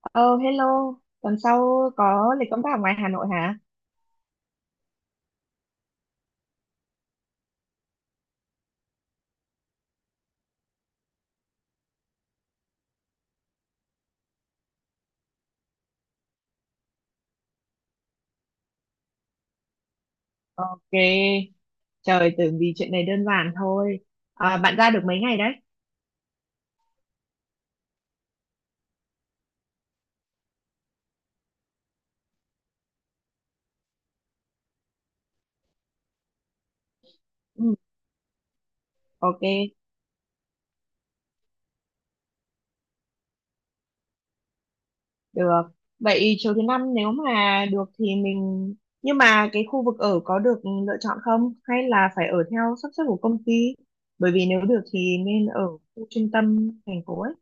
Ờ Hello, tuần sau có lịch công tác ở ngoài Hà Nội hả? Ok, trời tưởng vì chuyện này đơn giản thôi. À, bạn ra được mấy ngày đấy? Ừ, ok, được. Vậy chiều thứ năm nếu mà được thì mình. Nhưng mà cái khu vực ở có được lựa chọn không? Hay là phải ở theo sắp xếp của công ty? Bởi vì nếu được thì nên ở khu trung tâm thành phố ấy.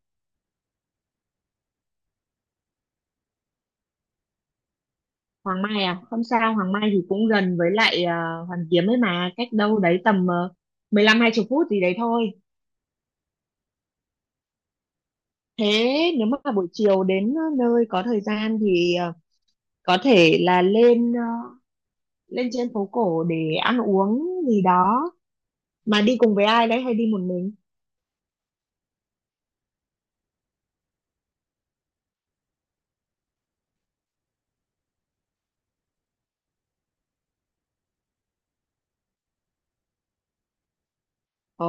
Hoàng Mai à? Không sao, Hoàng Mai thì cũng gần với lại Hoàn Kiếm ấy mà. Cách đâu đấy tầm 15 hai 20 phút gì đấy thôi. Thế nếu mà buổi chiều đến nơi có thời gian thì có thể là lên trên phố cổ để ăn uống gì đó. Mà đi cùng với ai đấy hay đi một mình? Ờ,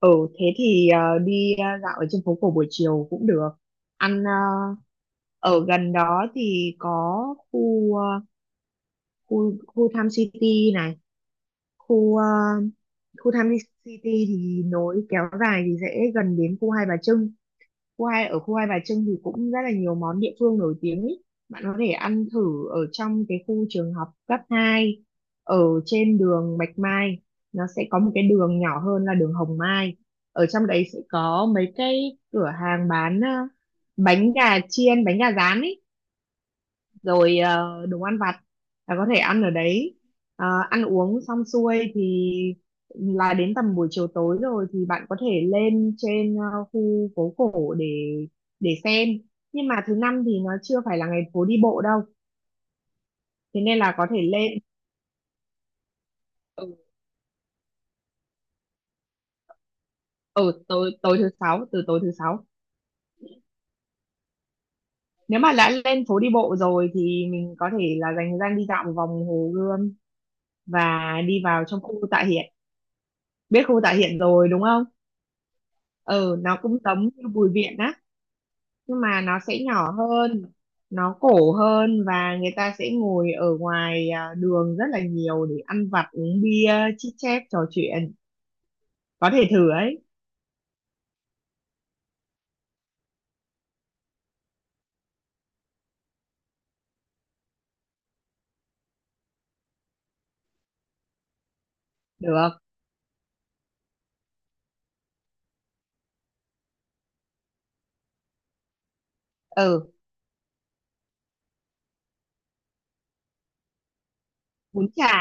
ừ, thế thì dạo ở trên phố cổ buổi chiều cũng được. Ăn ờ, Ở gần đó thì có khu ờ, khu khu Tham City này, khu ờ, khu Tham Ly City thì nối kéo dài thì sẽ gần đến khu Hai Bà Trưng, khu Hai Bà Trưng thì cũng rất là nhiều món địa phương nổi tiếng ý. Bạn có thể ăn thử ở trong cái khu trường học cấp 2 ở trên đường Bạch Mai. Nó sẽ có một cái đường nhỏ hơn là đường Hồng Mai, ở trong đấy sẽ có mấy cái cửa hàng bán bánh gà chiên, bánh gà rán ý, rồi đồ ăn vặt, là có thể ăn ở đấy. Ăn uống xong xuôi thì là đến tầm buổi chiều tối rồi, thì bạn có thể lên trên khu phố cổ để xem. Nhưng mà thứ năm thì nó chưa phải là ngày phố đi bộ đâu, thế nên là có thể lên ở ừ, tối tối thứ sáu, từ tối thứ sáu nếu mà đã lên phố đi bộ rồi thì mình có thể là dành thời gian đi dạo một vòng Hồ Gươm và đi vào trong khu Tạ Hiện. Biết khu Tạ Hiện rồi đúng không? Ừ, nó cũng giống như Bùi Viện á, nhưng mà nó sẽ nhỏ hơn, nó cổ hơn, và người ta sẽ ngồi ở ngoài đường rất là nhiều để ăn vặt, uống bia, chit chat, trò chuyện, có thể thử ấy. Được. Ừ, bún chả.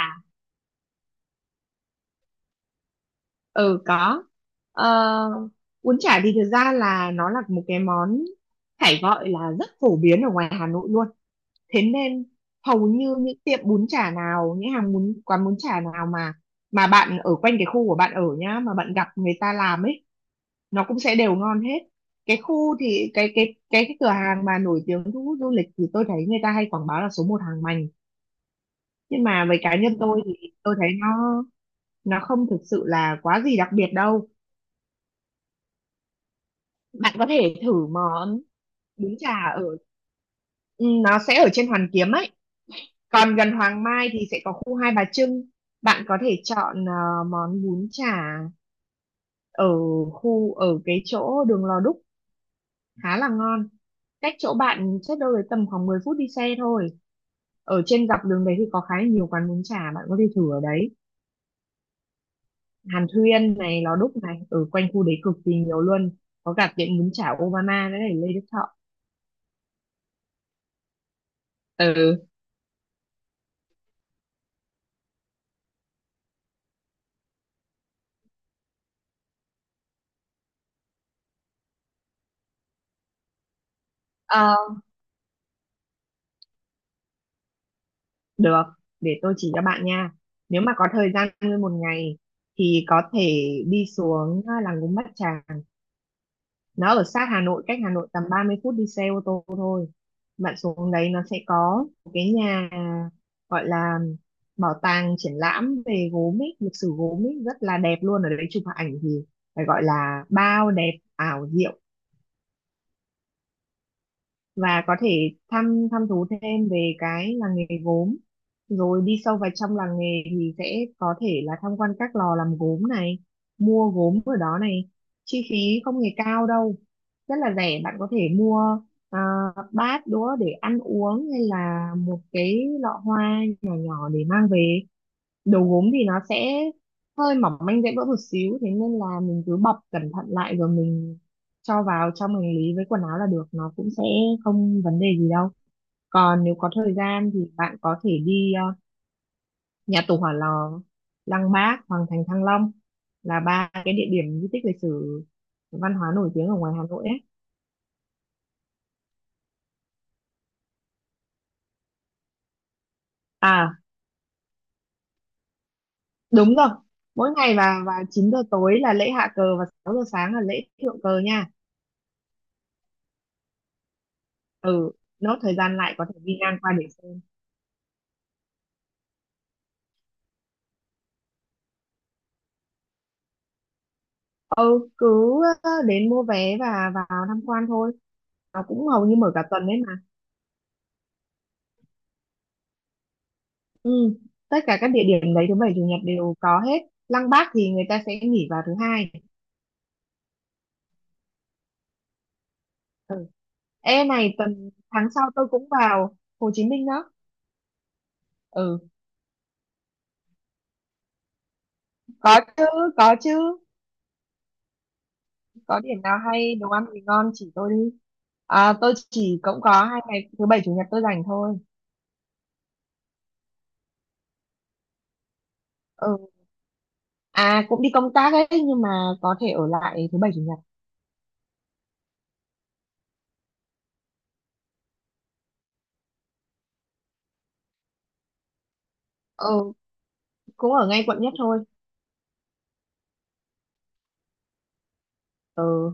Ừ, có. ờ, Bún chả thì thực ra là nó là một cái món phải gọi là rất phổ biến ở ngoài Hà Nội luôn. Thế nên hầu như những tiệm bún chả nào, những hàng bún, quán bún chả nào mà bạn ở quanh cái khu của bạn ở nhá, mà bạn gặp người ta làm ấy, nó cũng sẽ đều ngon hết. Cái khu thì cái cửa hàng mà nổi tiếng thu hút du lịch thì tôi thấy người ta hay quảng bá là số một hàng mành. Nhưng mà với cá nhân tôi thì tôi thấy nó không thực sự là quá gì đặc biệt đâu. Bạn có thể thử món bún chả ở. Ừ, nó sẽ ở trên Hoàn Kiếm ấy, còn gần Hoàng Mai thì sẽ có khu Hai Bà Trưng, bạn có thể chọn món bún chả ở ở cái chỗ đường Lò Đúc khá là ngon. Cách chỗ bạn chắc đâu đấy tầm khoảng 10 phút đi xe thôi, ở trên dọc đường đấy thì có khá là nhiều quán bún chả bạn có thể thử ở đấy. Hàn Thuyên này, Lò Đúc này, ở quanh khu đấy cực kỳ nhiều luôn, có cả tiệm bún chả Obama nữa này, Lê Đức Thọ. Ừ. Ờ, Được, để tôi chỉ cho bạn nha. Nếu mà có thời gian nguyên một ngày thì có thể đi xuống làng Gốm Bát Tràng. Nó ở sát Hà Nội, cách Hà Nội tầm 30 phút đi xe ô tô thôi. Bạn xuống đấy nó sẽ có một cái nhà gọi là bảo tàng triển lãm về gốm ấy, lịch sử gốm ấy rất là đẹp luôn. Ở đấy chụp ảnh thì phải gọi là bao đẹp, ảo diệu, và có thể thăm thăm thú thêm về cái làng nghề gốm. Rồi đi sâu vào trong làng nghề thì sẽ có thể là tham quan các lò làm gốm này, mua gốm ở đó này. Chi phí không hề cao đâu, rất là rẻ, bạn có thể mua à, bát đũa để ăn uống, hay là một cái lọ hoa nhỏ nhỏ để mang về. Đầu gốm thì nó sẽ hơi mỏng manh, dễ vỡ một xíu, thế nên là mình cứ bọc cẩn thận lại rồi mình cho vào trong hành lý với quần áo là được, nó cũng sẽ không vấn đề gì đâu. Còn nếu có thời gian thì bạn có thể đi nhà tù Hỏa Lò, Lăng Bác, Hoàng thành Thăng Long, là ba cái địa điểm di tích lịch sử văn hóa nổi tiếng ở ngoài Hà Nội ấy. À, đúng rồi, mỗi ngày. Và 9 giờ tối là lễ hạ cờ, và 6 giờ sáng là lễ thượng cờ nha. Ừ, nốt thời gian lại có thể đi ngang qua để xem. Ừ, cứ đến mua vé và vào tham quan thôi, nó cũng hầu như mở cả tuần đấy mà. Ừ. Tất cả các địa điểm đấy thứ bảy chủ nhật đều có hết. Lăng Bác thì người ta sẽ nghỉ vào thứ hai. Ừ. Ê này, tuần tháng sau tôi cũng vào Hồ Chí Minh đó. Ừ, có chứ, có chứ. Có điểm nào hay đồ ăn thì ngon chỉ tôi đi. À, tôi chỉ cũng có 2 ngày thứ bảy chủ nhật tôi rảnh thôi. Ừ, à, cũng đi công tác ấy nhưng mà có thể ở lại thứ bảy chủ nhật. Ừ, cũng ở ngay quận nhất thôi. Ừ,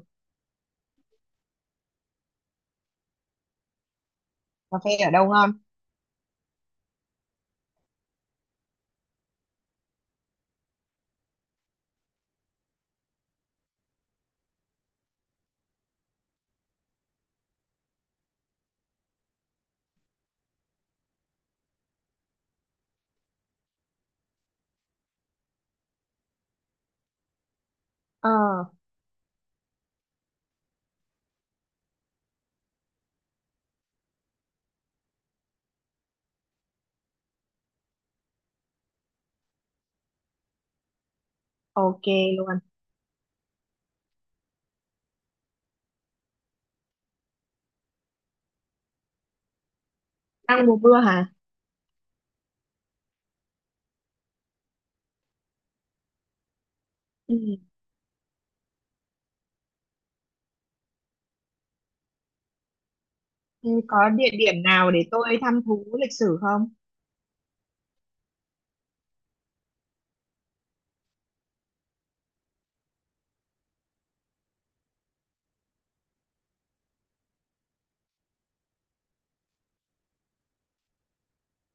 cà phê ở đâu ngon? ờ ok luôn. Đang mùa mưa hả? Ừ. Ừ, có địa điểm nào để tôi thăm thú lịch sử không?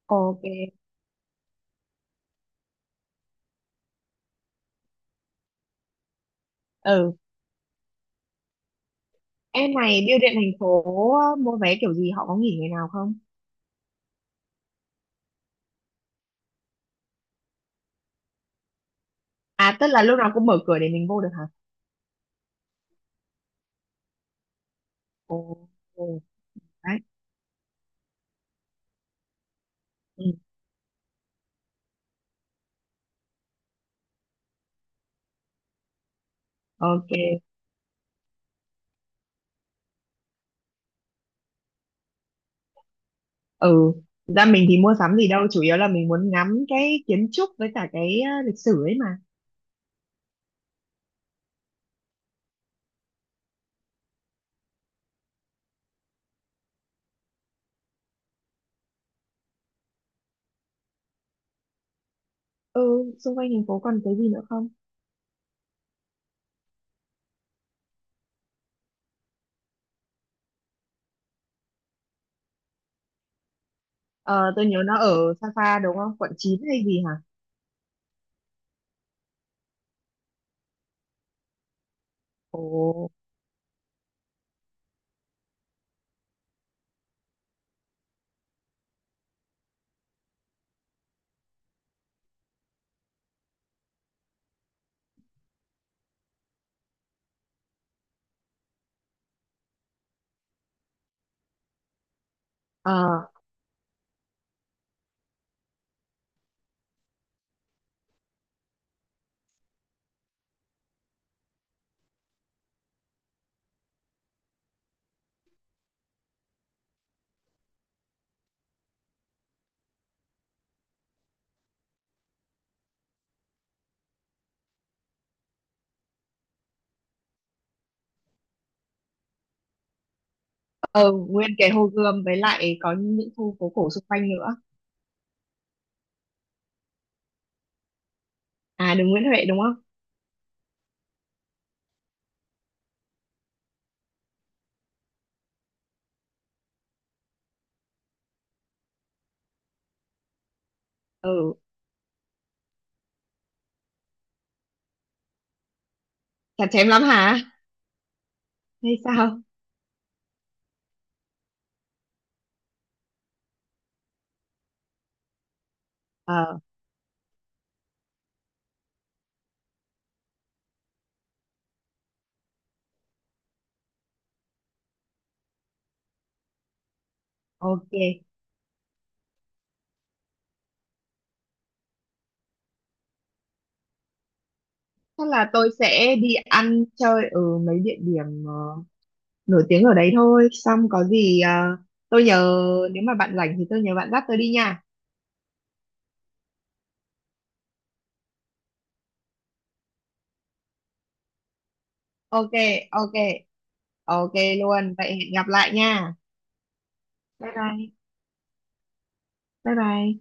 Ok. Ừ, em này, bưu điện thành phố mua vé kiểu gì, họ có nghỉ ngày nào không? À, tức là lúc nào cũng mở cửa để mình vô được hả? Ồ. Ồ, đấy. Ừ, ok. Ừ, thực ra mình thì mua sắm gì đâu, chủ yếu là mình muốn ngắm cái kiến trúc với cả cái lịch sử ấy mà. Ừ, xung quanh thành phố còn cái gì nữa không? Ờ tôi nhớ nó ở xa xa đúng không, quận 9 hay gì hả? Ồ. à, ờ, Nguyên cái Hồ Gươm với lại có những khu phố cổ xung quanh nữa. À, đường Nguyễn Huệ đúng không? Ừ, chặt chém lắm hả? Hay sao? Ờ, ok. Chắc là tôi sẽ đi ăn chơi ở mấy địa điểm nổi tiếng ở đấy thôi. Xong có gì tôi nhờ, nếu mà bạn rảnh thì tôi nhờ bạn dắt tôi đi nha. Ok, ok, ok luôn. Vậy hẹn gặp lại nha. Bye bye, bye bye.